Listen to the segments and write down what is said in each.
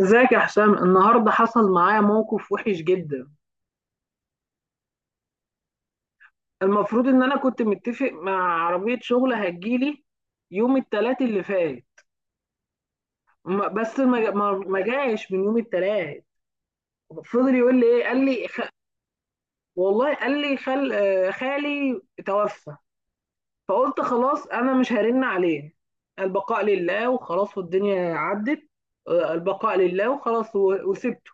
ازيك يا حسام؟ النهارده حصل معايا موقف وحش جدا. المفروض ان انا كنت متفق مع عربية شغل هتجيلي يوم التلات اللي فات. بس ما جاش من يوم التلات. فضل يقول لي ايه، قال لي والله قال لي خالي توفى. فقلت خلاص انا مش هرن عليه، البقاء لله وخلاص والدنيا عدت. البقاء لله وخلاص و... وسبته.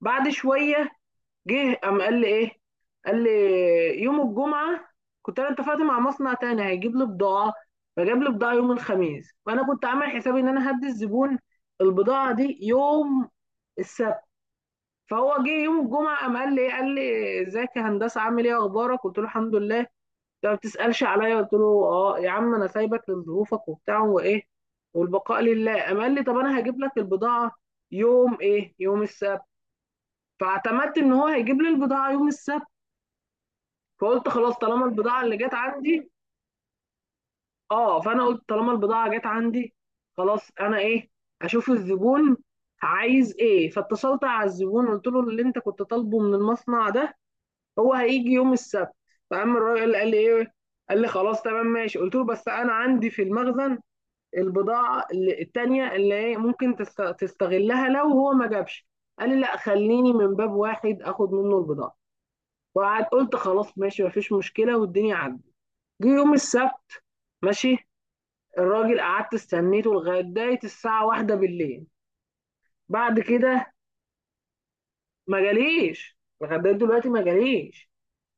بعد شوية جه قام قال لي ايه؟ قال لي يوم الجمعه كنت انا اتفقت مع مصنع تاني هيجيب لي بضاعه، فجاب لي بضاعه يوم الخميس، فانا كنت عامل حسابي ان انا هدي الزبون البضاعه دي يوم السبت. فهو جه يوم الجمعه قام قال لي إيه؟ قال لي ازيك يا هندسه، عامل ايه اخبارك؟ قلت له الحمد لله، انت ما بتسالش عليا؟ قلت له اه يا عم انا سايبك لظروفك وبتاع وايه والبقاء لله. قام قال لي طب انا هجيب لك البضاعه يوم ايه؟ يوم السبت. فاعتمدت ان هو هيجيب لي البضاعه يوم السبت، فقلت خلاص طالما البضاعة اللي جت عندي. اه، فانا قلت طالما البضاعة جت عندي خلاص، انا ايه؟ اشوف الزبون عايز ايه؟ فاتصلت على الزبون قلت له اللي انت كنت طالبه من المصنع ده هو هيجي يوم السبت. فقام الراجل قال لي ايه؟ قال لي خلاص تمام ماشي. قلت له بس انا عندي في المخزن البضاعة التانية اللي ايه ممكن تستغلها لو هو ما جابش. قال لي لا، خليني من باب واحد اخد منه البضاعة. وقعد قلت خلاص ماشي، مفيش مشكلة والدنيا عدت. جه يوم السبت، ماشي، الراجل قعدت استنيته لغايه داية الساعه واحدة بالليل. بعد كده ما جاليش، لغايه داية دلوقتي ما جاليش.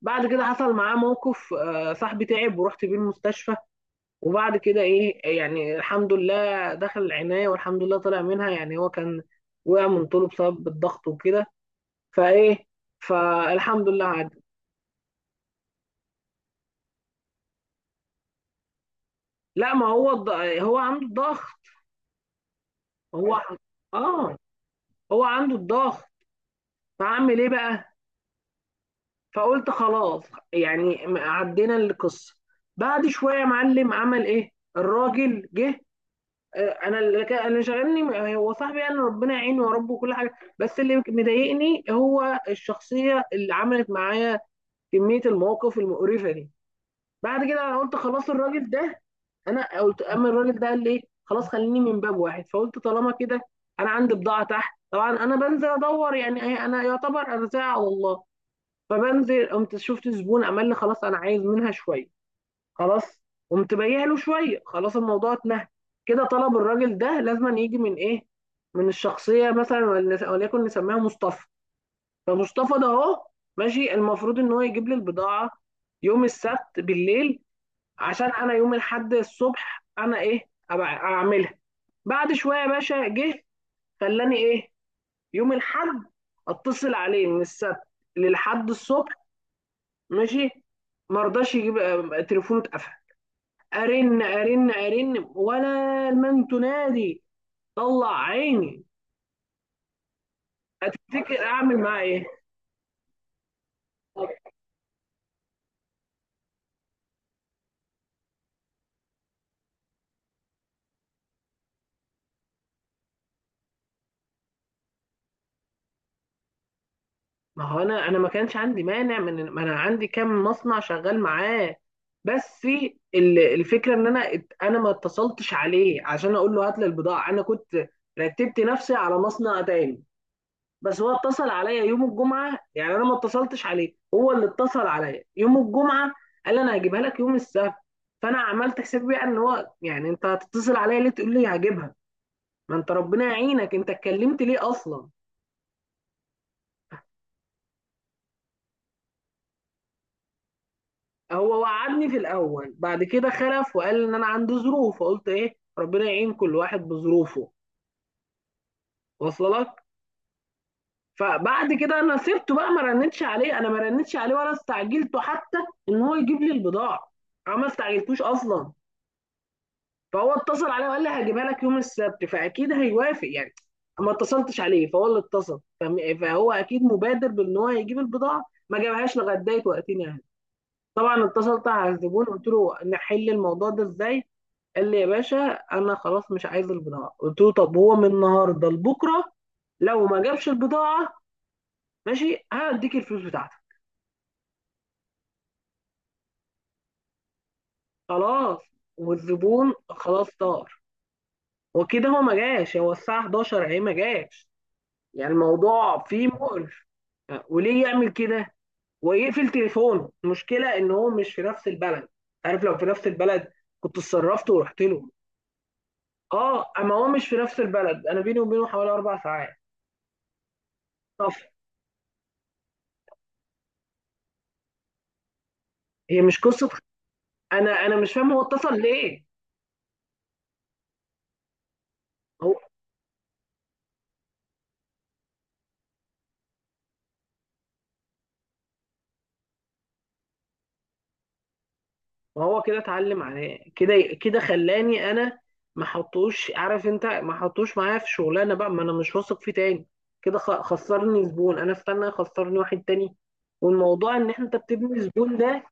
بعد كده حصل معاه موقف، صاحبي تعب ورحت بيه المستشفى، وبعد كده ايه يعني، الحمد لله دخل العناية والحمد لله طلع منها. يعني هو كان وقع من طوله بسبب الضغط وكده. فايه، فالحمد لله عدى. لا، ما هو هو عنده الضغط. هو اه هو عنده الضغط. فعمل ايه بقى؟ فقلت خلاص، يعني عدينا القصه. بعد شويه يا معلم عمل ايه؟ الراجل جه. انا اللي شغلني هو صاحبي، يعني ربنا يعينه يا رب وكل حاجه. بس اللي مضايقني هو الشخصيه اللي عملت معايا، كميه المواقف المقرفه دي. بعد كده انا قلت خلاص الراجل ده، انا قلت اما الراجل ده قال لي ايه خلاص خليني من باب واحد، فقلت طالما كده انا عندي بضاعه تحت. طبعا انا بنزل ادور، يعني انا يعتبر ارزاع والله. فبنزل قمت شفت زبون عمل لي خلاص انا عايز منها شويه. خلاص، قمت بايع له شويه، خلاص الموضوع اتنهى. كده طلب الراجل ده لازم يجي من ايه؟ من الشخصيه، مثلا وليكن نسميها مصطفى. فمصطفى ده اهو ماشي، المفروض ان هو يجيب لي البضاعه يوم السبت بالليل، عشان انا يوم الاحد الصبح انا ايه أبقى اعملها. بعد شويه يا باشا جه، خلاني ايه؟ يوم الاحد اتصل عليه من السبت للحد الصبح، ماشي. ما رضاش يجيب، تليفونه اتقفل. ارن ارن ارن، ولا المن تنادي، طلع عيني. هتفتكر اعمل معاه ايه؟ ما هو انا ما كانش عندي مانع، من ما انا عندي كام مصنع شغال معاه. بس الفكره ان انا ما اتصلتش عليه عشان اقول له هات لي البضاعه، انا كنت رتبت نفسي على مصنع تاني. بس هو اتصل عليا يوم الجمعه، يعني انا ما اتصلتش عليه، هو اللي اتصل عليا يوم الجمعه، قال لي انا هجيبها لك يوم السبت. فانا عملت حساب بقى ان هو يعني، انت هتتصل عليا ليه تقول لي هجيبها؟ ما انت ربنا يعينك، انت اتكلمت ليه اصلا؟ هو وعدني في الاول، بعد كده خلف وقال ان انا عندي ظروف، فقلت ايه ربنا يعين كل واحد بظروفه واصله لك. فبعد كده انا سبته بقى، ما رنتش عليه، انا ما رنتش عليه ولا استعجلته حتى ان هو يجيب لي البضاعه، انا ما استعجلتوش اصلا. فهو اتصل عليه وقال لي هجيبها لك يوم السبت، فاكيد هيوافق يعني، ما اتصلتش عليه، فهو اللي اتصل فهو اكيد مبادر بان هو يجيب البضاعه. ما جابهاش لغايه وقتين يعني. طبعا اتصلت على الزبون قلت له نحل الموضوع ده ازاي؟ قال لي يا باشا انا خلاص مش عايز البضاعه. قلت له طب هو من النهارده لبكره لو ما جابش البضاعه ماشي هديك الفلوس بتاعتك. خلاص، والزبون خلاص طار. وكده هو ما جاش، هو الساعه 11 اهي ما جاش. يعني الموضوع فيه مقرف. وليه يعمل كده ويقفل تليفونه؟ المشكله ان هو مش في نفس البلد، عارف لو في نفس البلد كنت اتصرفت ورحت له. اه، اما هو مش في نفس البلد، انا بيني وبينه حوالي اربع ساعات. طب، هي مش قصه، انا مش فاهم هو اتصل ليه. هو هو كده اتعلم عليه، كده كده خلاني انا ما حطوش، عارف انت، ما حطوش معايا في شغلانه بقى، ما انا مش واثق فيه تاني. كده خسرني زبون، انا استنى يخسرني واحد تاني؟ والموضوع ان انت بتبني زبون ده،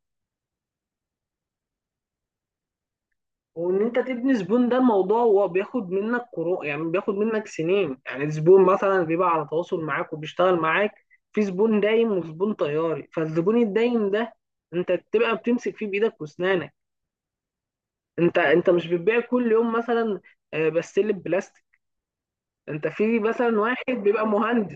وان انت تبني زبون ده الموضوع، هو بياخد منك قروء، يعني بياخد منك سنين. يعني زبون مثلا بيبقى على تواصل معاك وبيشتغل معاك، في زبون دايم وزبون طياري. فالزبون الدايم ده انت بتبقى بتمسك فيه بايدك واسنانك. انت مش بتبيع كل يوم مثلا بستله بلاستيك. انت في مثلا واحد بيبقى مهندس،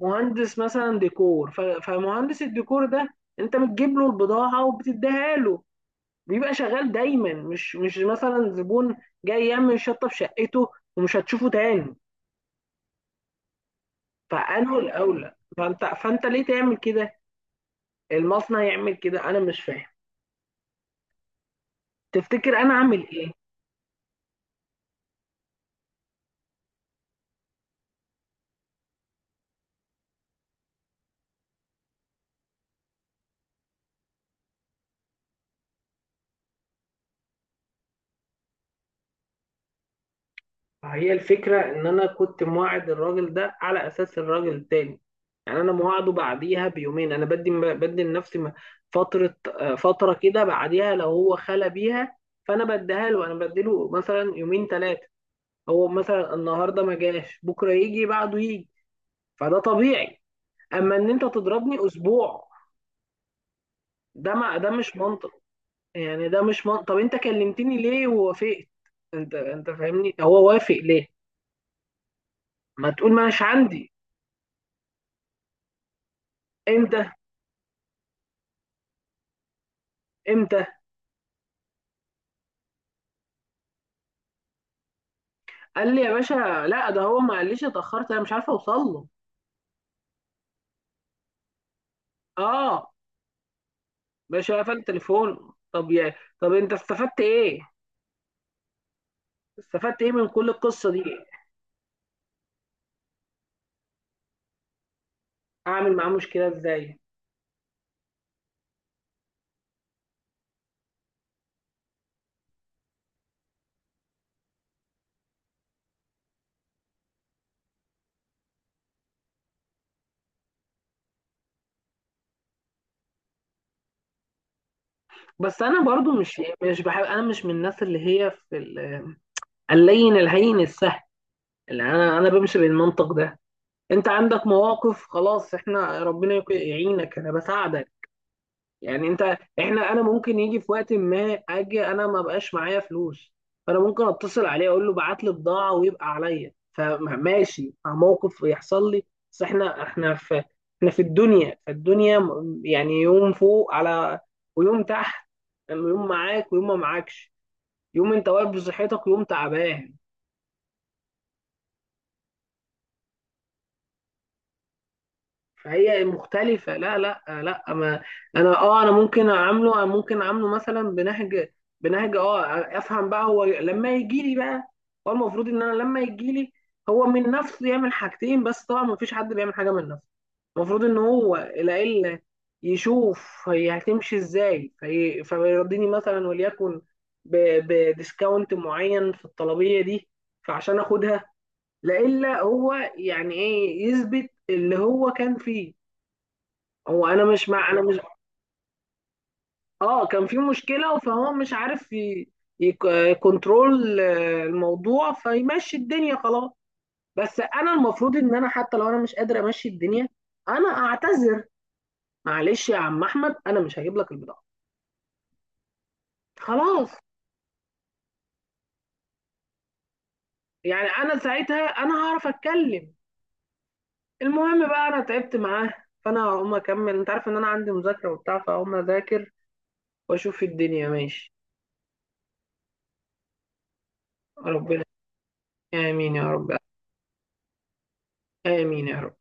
مهندس مثلا ديكور، فمهندس الديكور ده انت بتجيب له البضاعة وبتديها له، بيبقى شغال دايما، مش مثلا زبون جاي يعمل شطه في شقته ومش هتشوفه تاني. فانه الاولى، فانت ليه تعمل كده؟ المصنع يعمل كده انا مش فاهم. تفتكر انا اعمل ايه؟ هي الفكره ان انا كنت مواعد الراجل ده على اساس الراجل التاني، يعني انا مواعده بعديها بيومين، انا بدي لنفسي فتره، فتره كده بعديها لو هو خلى بيها، فانا بديها له، انا بديله مثلا يومين ثلاثه. هو مثلا النهارده ما جاش، بكره يجي، بعده يجي، فده طبيعي. اما ان انت تضربني اسبوع، ده مش منطق. يعني ده مش منطق، طب انت كلمتني ليه ووافقت؟ انت فاهمني، هو وافق ليه؟ ما تقول ما مش عندي. امتى؟ امتى؟ قال لي يا باشا، لا ده هو ما قاليش اتاخرت، انا مش عارف اوصل له. اه، باشا قفل تليفونه. طب انت استفدت ايه؟ استفدت ايه من كل القصه دي؟ اعمل معاه مشكله ازاي؟ بس انا برضو مش بحب، انا مش من الناس اللي هي في اللين الهين السهل. اللي انا بمشي بالمنطق ده. انت عندك مواقف، خلاص احنا ربنا يعينك، انا بساعدك يعني انت. احنا، انا ممكن يجي في وقت ما اجي انا ما بقاش معايا فلوس، فانا ممكن اتصل عليه اقول له بعت لي بضاعه ويبقى عليا، فماشي مع موقف يحصل لي. بس احنا في الدنيا، فالدنيا يعني يوم فوق على، ويوم تحت، يوم معاك ويوم ما معاكش، يوم انت واقف بصحتك ويوم تعبان. فهي مختلفة. لا لا لا ما، انا ممكن اعامله، مثلا بنهج، بنهج اه افهم بقى هو لما يجي لي بقى. هو المفروض ان انا لما يجي لي، هو من نفسه يعمل حاجتين، بس طبعا ما فيش حد بيعمل حاجة من نفسه. المفروض ان هو العيلة يشوف هي هتمشي ازاي، فيرضيني مثلا وليكن بديسكاونت معين في الطلبية دي فعشان اخدها. لا الا هو يعني ايه، يثبت اللي هو كان فيه. هو انا مش مع انا مش اه كان في مشكله فهو مش عارف يكنترول الموضوع فيمشي الدنيا خلاص. بس انا المفروض ان انا حتى لو انا مش قادر امشي الدنيا، انا اعتذر. معلش يا عم احمد، انا مش هجيب لك البضاعه خلاص. يعني انا ساعتها انا هعرف اتكلم. المهم بقى انا تعبت معاه، فانا هقوم اكمل، انت عارف ان انا عندي مذاكره وبتاع، فهقوم اذاكر واشوف الدنيا ماشي. ربنا، امين يا رب، امين يا رب.